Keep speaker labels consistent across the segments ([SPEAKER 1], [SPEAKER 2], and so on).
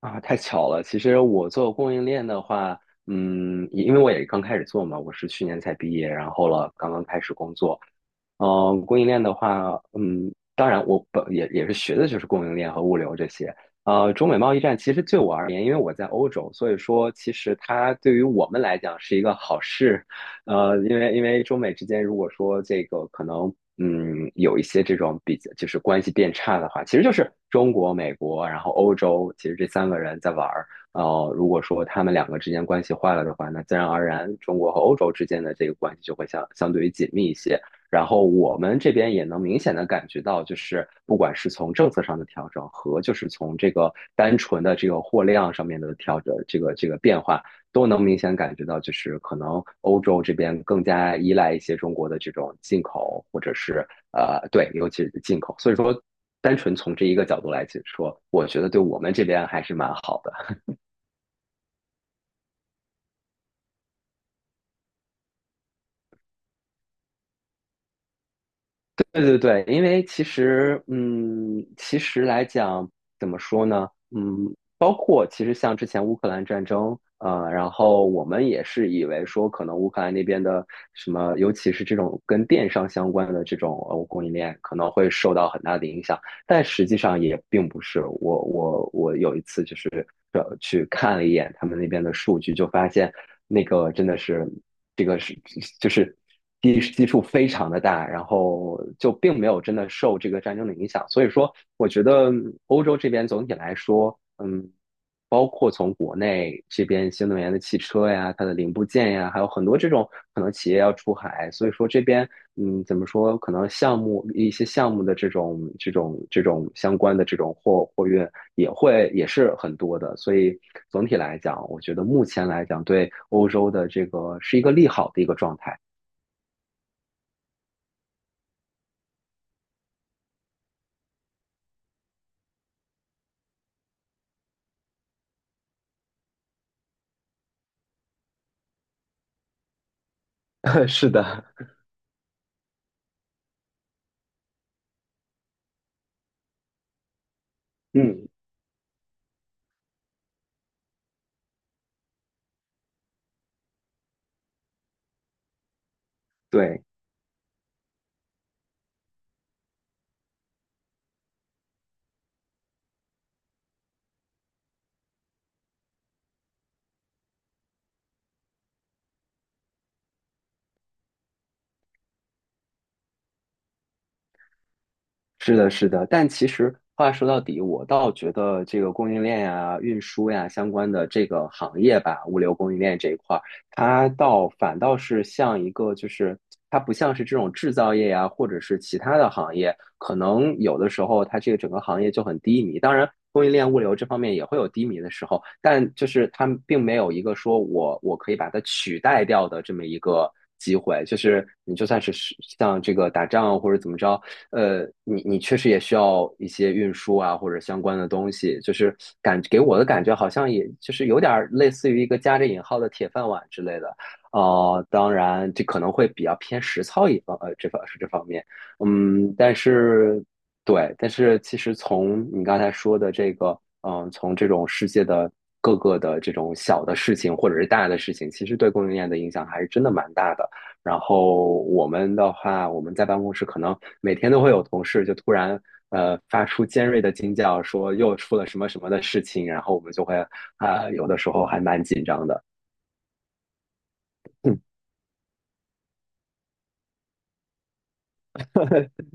[SPEAKER 1] 啊，太巧了！其实我做供应链的话，也因为我也刚开始做嘛，我是去年才毕业，然后了刚刚开始工作。供应链的话，当然我本也是学的就是供应链和物流这些。中美贸易战其实对我而言，因为我在欧洲，所以说其实它对于我们来讲是一个好事，因为中美之间，如果说这个可能，有一些这种比较，就是关系变差的话，其实就是中国、美国，然后欧洲，其实这三个人在玩儿。呃，如果说他们两个之间关系坏了的话，那自然而然，中国和欧洲之间的这个关系就会相对于紧密一些。然后我们这边也能明显的感觉到，就是不管是从政策上的调整和就是从这个单纯的这个货量上面的调整，这个变化，都能明显感觉到，就是可能欧洲这边更加依赖一些中国的这种进口，或者是呃，对，尤其是进口。所以说，单纯从这一个角度来解说，我觉得对我们这边还是蛮好的。对对对，因为其实，嗯，其实来讲，怎么说呢？嗯，包括其实像之前乌克兰战争，然后我们也是以为说，可能乌克兰那边的什么，尤其是这种跟电商相关的这种供应链，可能会受到很大的影响，但实际上也并不是。我有一次就是去看了一眼他们那边的数据，就发现那个真的是。这个是就是基数非常的大，然后就并没有真的受这个战争的影响。所以说，我觉得欧洲这边总体来说，嗯，包括从国内这边新能源的汽车呀、它的零部件呀，还有很多这种可能企业要出海，所以说这边嗯，怎么说，可能项目一些项目的这种相关的这种货运也会也是很多的，所以总体来讲，我觉得目前来讲对欧洲的这个是一个利好的一个状态。是的。嗯，对。是的，是的，但其实话说到底，我倒觉得这个供应链呀、运输呀相关的这个行业吧，物流供应链这一块儿，它倒反倒是像一个，就是它不像是这种制造业呀，或者是其他的行业，可能有的时候它这个整个行业就很低迷。当然，供应链物流这方面也会有低迷的时候，但就是它并没有一个说我可以把它取代掉的这么一个机会。就是你就算是像这个打仗或者怎么着。呃，你你确实也需要一些运输啊，或者相关的东西，就是给我的感觉好像也就是有点儿类似于一个加着引号的铁饭碗之类的，哦、当然这可能会比较偏实操一方，这方面，嗯，但是对，但是其实从你刚才说的这个，嗯，从这种世界的各个的这种小的事情或者是大的事情，其实对供应链的影响还是真的蛮大的。然后我们的话，我们在办公室可能每天都会有同事就突然发出尖锐的惊叫，说又出了什么什么的事情，然后我们就会啊、有的时候还蛮紧张的。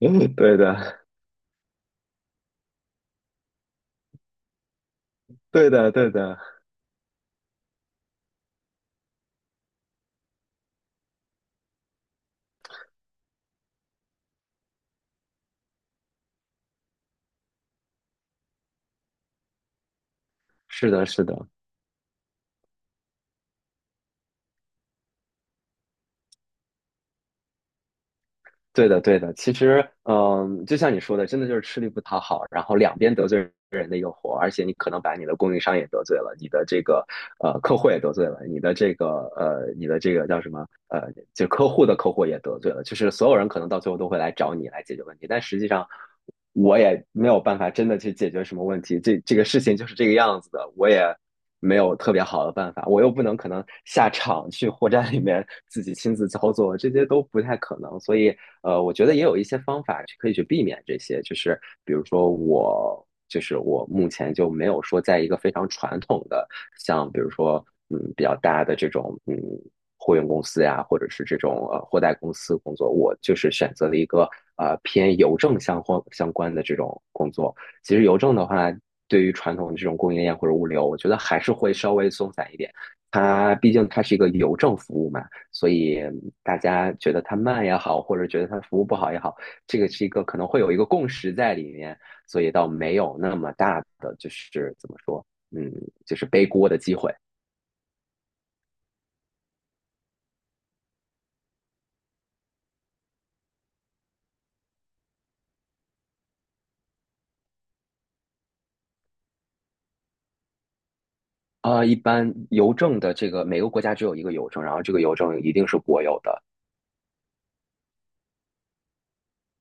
[SPEAKER 1] 嗯，对的，对的，对的，是的，是的。对的，对的。其实，嗯，就像你说的，真的就是吃力不讨好，然后两边得罪人的一个活，而且你可能把你的供应商也得罪了，你的这个客户也得罪了，你的这个叫什么就客户的客户也得罪了，就是所有人可能到最后都会来找你来解决问题，但实际上。我也没有办法真的去解决什么问题，这个事情就是这个样子的，我也没有特别好的办法，我又不能可能下场去货站里面自己亲自操作，这些都不太可能，所以我觉得也有一些方法去可以去避免这些，就是比如说我目前就没有说在一个非常传统的，像比如说嗯比较大的这种嗯货运公司呀，或者是这种货代公司工作，我就是选择了一个偏邮政相关的这种工作。其实邮政的话，对于传统的这种供应链或者物流，我觉得还是会稍微松散一点。它毕竟它是一个邮政服务嘛，所以大家觉得它慢也好，或者觉得它服务不好也好，这个是一个可能会有一个共识在里面，所以倒没有那么大的就是怎么说，嗯，就是背锅的机会。啊、一般邮政的这个每个国家只有一个邮政，然后这个邮政一定是国有的。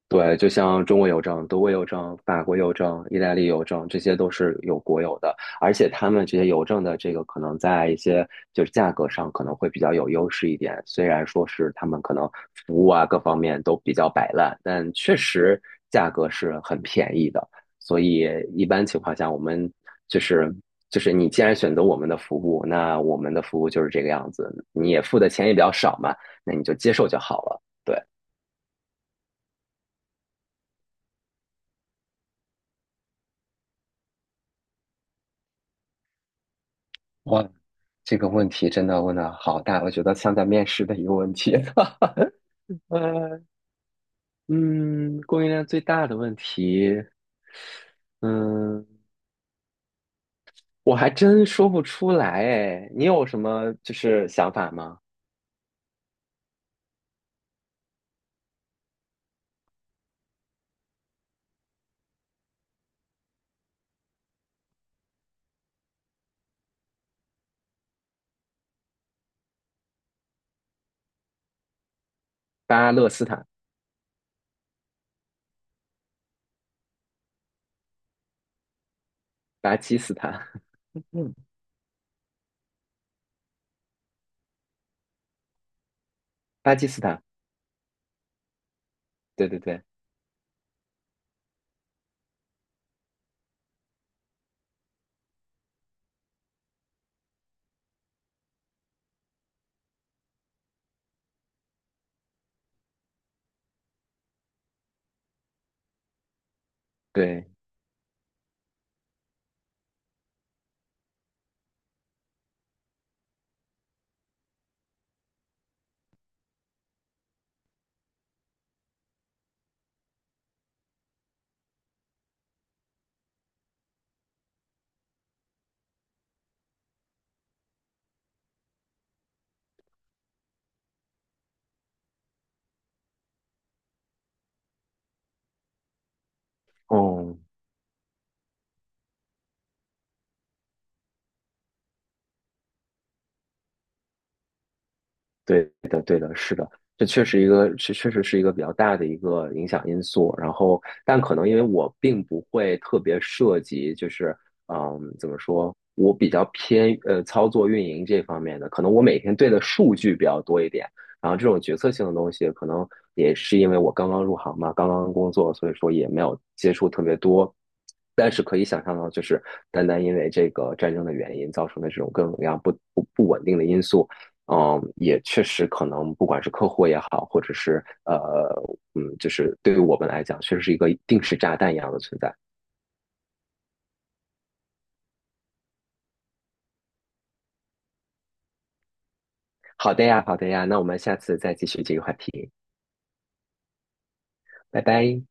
[SPEAKER 1] 对，就像中国邮政、德国邮政、法国邮政、意大利邮政，这些都是有国有的，而且他们这些邮政的这个可能在一些就是价格上可能会比较有优势一点，虽然说是他们可能服务啊各方面都比较摆烂，但确实价格是很便宜的，所以一般情况下我们就是就是你既然选择我们的服务，那我们的服务就是这个样子，你也付的钱也比较少嘛，那你就接受就好了。对。哇，这个问题真的问的好大，我觉得像在面试的一个问题。呃，嗯，供应链最大的问题，嗯，我还真说不出来哎。你有什么就是想法吗？巴勒斯坦、巴基斯坦、嗯，巴基斯坦，对对对对，哦，对。这确实一个，确确实是一个比较大的一个影响因素。然后，但可能因为我并不会特别涉及，就是嗯，怎么说，我比较偏操作运营这方面的，可能我每天对的数据比较多一点。然后这种决策性的东西，可能也是因为我刚刚入行嘛，刚刚工作，所以说也没有接触特别多。但是可以想象到，就是单单因为这个战争的原因造成的这种各种各样不稳定的因素。嗯，也确实可能，不管是客户也好，或者是嗯，就是对于我们来讲，确实是一个定时炸弹一样的存在。好的呀，好的呀，那我们下次再继续这个话题，拜拜。